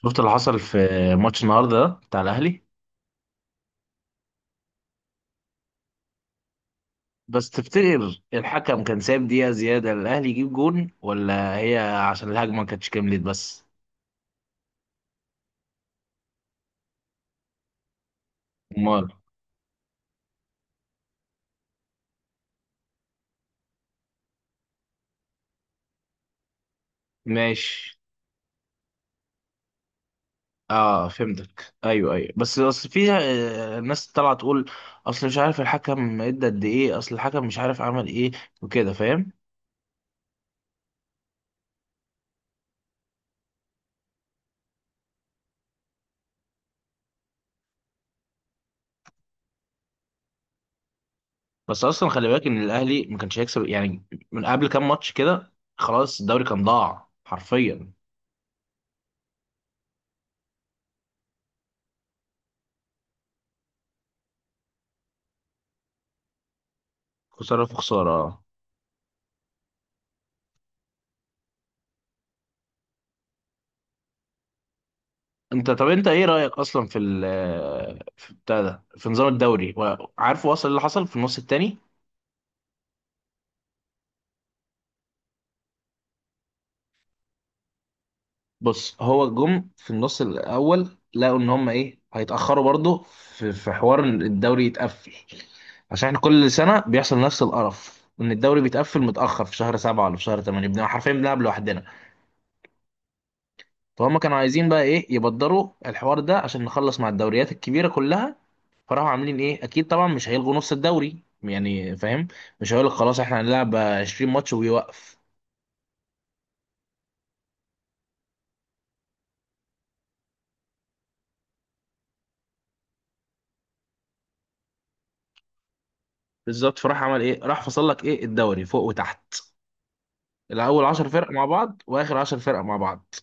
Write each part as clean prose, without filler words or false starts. شفت اللي حصل في ماتش النهارده ده بتاع الاهلي. بس تفتكر الحكم كان سايب دقيقه زياده الاهلي يجيب جون، ولا هي عشان الهجمه ما كانتش كملت بس؟ امال. ماشي. اه، فهمتك. ايوه، ايوه، بس اصل في ناس طالعه تقول اصل مش عارف الحكم ادى قد ايه، اصل الحكم مش عارف عمل ايه وكده، فاهم؟ بس اصلا خلي بالك ان الاهلي ما كانش هيكسب يعني، من قبل كام ماتش كده خلاص الدوري كان ضاع حرفيا. خساره في خساره. انت طب انت ايه رأيك اصلا في ال، في بتاع ده، في نظام الدوري، وعارف وصل اللي حصل في النص التاني؟ بص، هو جم في النص الاول لقوا ان هم ايه هيتأخروا برضه، في حوار إن الدوري يتقفل عشان احنا كل سنة بيحصل نفس القرف ان الدوري بيتقفل متأخر في شهر سبعة ولا في شهر تمانية، بنبقى حرفيا بنلعب لوحدنا. فهم كانوا عايزين بقى ايه يبدروا الحوار ده عشان نخلص مع الدوريات الكبيرة كلها. فراحوا عاملين ايه، اكيد طبعا مش هيلغوا نص الدوري يعني، فاهم؟ مش هيقول لك خلاص احنا هنلعب 20 ماتش ويوقف. بالظبط، فراح عمل ايه، راح فصل لك ايه الدوري فوق وتحت. الاول 10 فرق مع بعض، واخر 10 فرق مع بعض.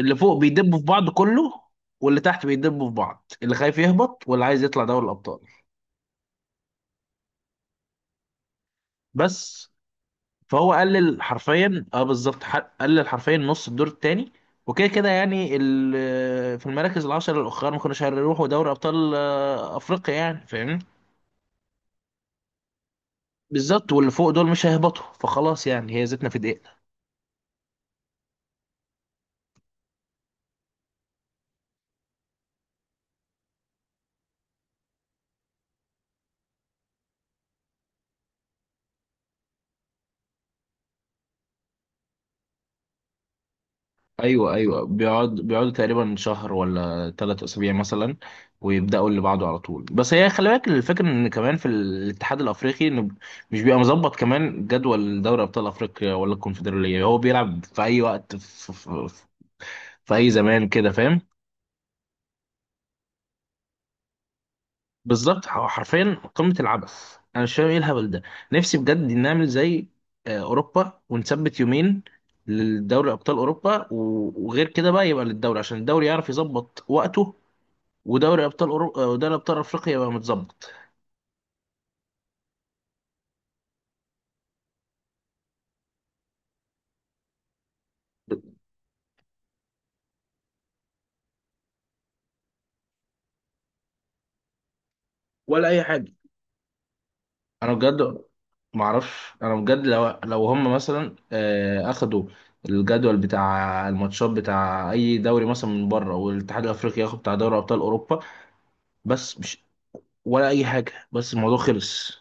اللي فوق بيدبوا في بعض كله، واللي تحت بيدبوا في بعض، اللي خايف يهبط واللي عايز يطلع دوري الابطال. بس فهو قلل حرفيا، اه بالظبط، قلل حرفيا نص الدور التاني. وكده كده يعني في المراكز العشر الاخرى ما كانوش هيروحوا دوري ابطال افريقيا يعني، فاهمني؟ بالظبط، واللي فوق دول مش هيهبطوا، فخلاص يعني هي زيتنا في دقيقنا. ايوه، ايوه، بيقعدوا تقريبا شهر ولا ثلاث اسابيع مثلا، ويبداوا اللي بعده على طول. بس هي خلي بالك الفكره ان كمان في الاتحاد الافريقي، انه مش بيبقى مظبط كمان جدول دوري ابطال افريقيا ولا الكونفدراليه، هو بيلعب في اي وقت، في اي زمان كده، فاهم؟ بالظبط، حرفيا قمة العبث، انا مش فاهم ايه الهبل ده. نفسي بجد نعمل زي اوروبا، ونثبت يومين للدوري ابطال اوروبا، وغير كده بقى يبقى للدوري، عشان الدوري يعرف يظبط وقته، ودوري ابطال اوروبا ودوري ابطال افريقيا يبقى متظبط. ولا اي حاجه. انا بجد ما اعرفش، انا بجد لو هم مثلا اخدوا الجدول بتاع الماتشات بتاع اي دوري مثلا من بره، والاتحاد الافريقي ياخد بتاع دوري ابطال اوروبا. بس مش، ولا اي حاجه، بس الموضوع خلص.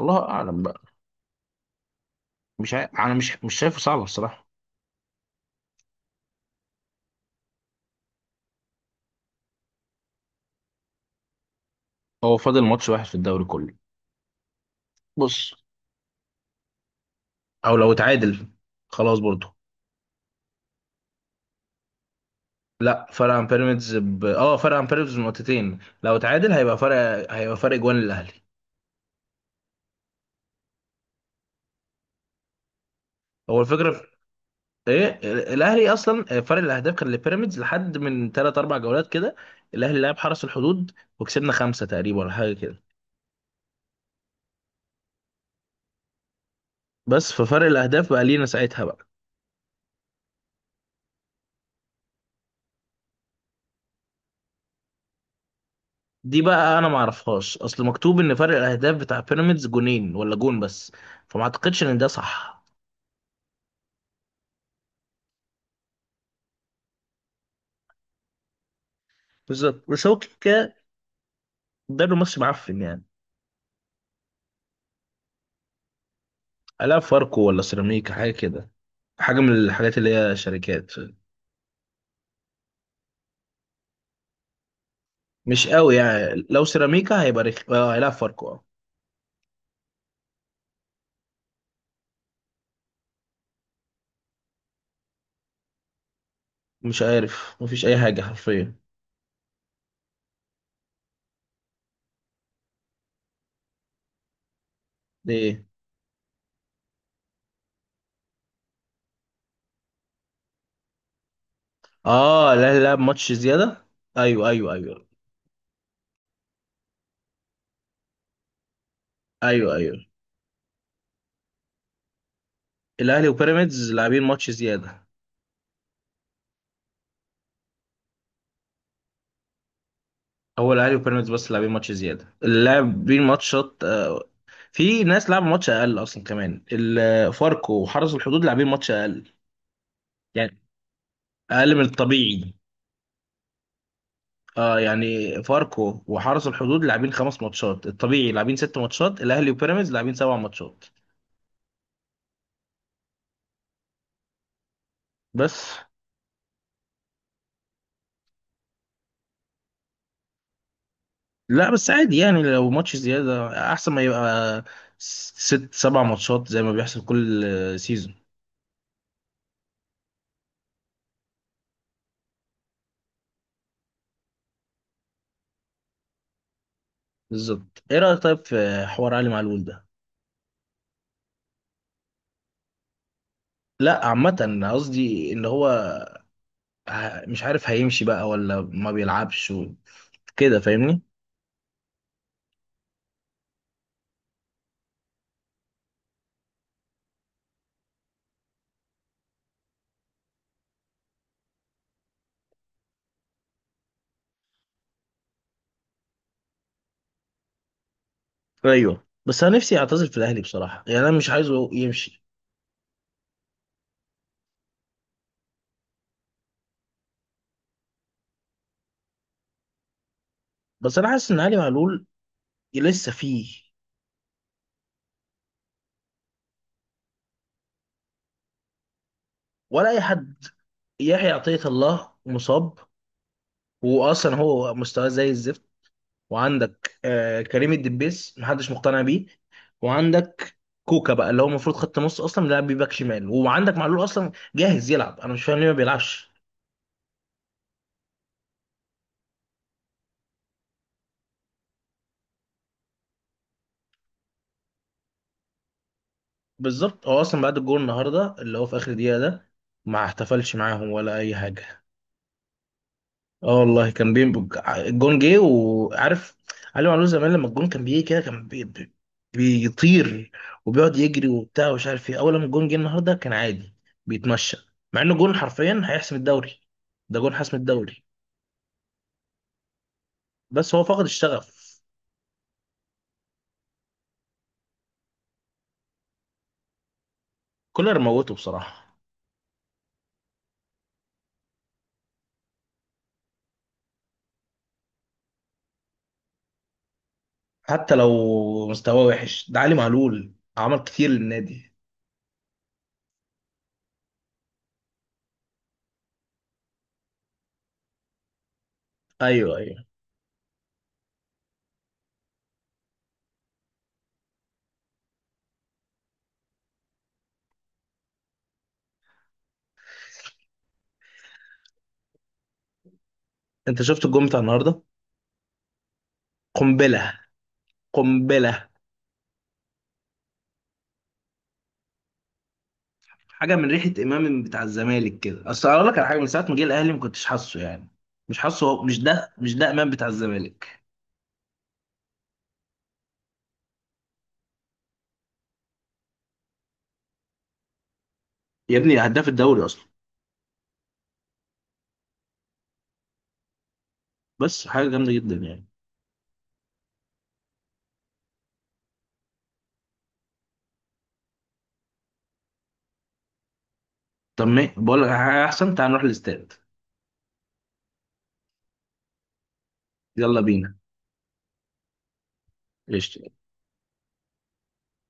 الله اعلم بقى، مش عارف، انا مش شايفه صعبه الصراحه. هو فاضل ماتش واحد في الدوري كله. بص، او لو اتعادل خلاص برضه. لا، فرق عن بيراميدز اه فرق عن بيراميدز بنقطتين، لو اتعادل هيبقى فرق، هيبقى فرق جوان للاهلي. هو الفكره ايه، الاهلي اصلا فرق الاهداف كان لبيراميدز لحد من ثلاث اربع جولات كده. الاهلي لعب حرس الحدود وكسبنا خمسه تقريبا ولا حاجه كده، بس ففرق الاهداف بقى لينا ساعتها بقى. دي بقى انا ما اعرفهاش، اصل مكتوب ان فرق الاهداف بتاع بيراميدز جونين ولا جون بس، فما اعتقدش ان ده صح. بالظبط، بس هو كده، ده ماتش معفن يعني. الا فاركو ولا سيراميكا حاجه كده، حاجه من الحاجات اللي هي شركات. مش قوي يعني، لو سيراميكا هيبقى رخ، اه هيلعب فاركو اه. مش عارف، مفيش اي حاجه حرفيا. دي ايه؟ اه الاهلي لعب ماتش زياده. ايوه، ايوه، ايوه. ايوه، ايوه. الاهلي وبيراميدز لاعبين ماتش زياده. هو الاهلي وبيراميدز بس لاعبين ماتش زياده، اللاعبين ماتشات في ناس لعبوا ماتش اقل اصلا، كمان فاركو وحرس الحدود لاعبين ماتش اقل يعني، اقل من الطبيعي. اه يعني فاركو وحرس الحدود لاعبين خمس ماتشات، الطبيعي لاعبين ست ماتشات، الاهلي وبيراميدز لاعبين سبع ماتشات. بس. لا بس عادي يعني، لو ماتش زياده احسن ما يبقى ست سبع ماتشات زي ما بيحصل كل سيزون. بالظبط. ايه رايك طيب في حوار علي معلول ده؟ لا، عامة قصدي ان هو مش عارف هيمشي بقى ولا ما بيلعبش كده، فاهمني؟ ايوه، بس انا نفسي اعتزل في الاهلي بصراحه يعني، انا مش عايزه يمشي. بس انا حاسس ان علي معلول لسه فيه. ولا اي حد، يحيى عطيه الله مصاب، واصلا هو مستواه زي الزفت. وعندك آه كريم الدبيس محدش مقتنع بيه، وعندك كوكا بقى اللي هو المفروض خط نص اصلا لاعب باك شمال، وعندك معلول اصلا جاهز يلعب، انا مش فاهم ليه ما بيلعبش. بالظبط، هو اصلا بعد الجول النهارده اللي هو في اخر دقيقه ده ما احتفلش معاهم ولا اي حاجه. اه والله كان بين. الجون جه وعارف، علي معلول زمان لما الجون كان بيجي كده كان بيطير وبيقعد يجري وبتاع ومش عارف ايه. اول ما الجون جه النهارده كان عادي، بيتمشى، مع انه جون حرفيا هيحسم الدوري. ده جون حسم الدوري، بس هو فقد الشغف. كولر موته بصراحه. حتى لو مستواه وحش، ده علي معلول عمل كتير للنادي. ايوه، ايوه. انت شفت الجون بتاع النهارده؟ قنبله، قنبله. حاجه من ريحه امام بتاع الزمالك كده. اصل اقول لك على حاجه، من ساعه ما جه الاهلي ما كنتش حاسه يعني، مش حاسه هو، مش ده، مش ده امام بتاع الزمالك. يا ابني هداف الدوري اصلا، بس حاجه جامده جدا يعني. طب ما بقول لك على حاجه احسن، تعال نروح الاستاد. يلا بينا. قشطة.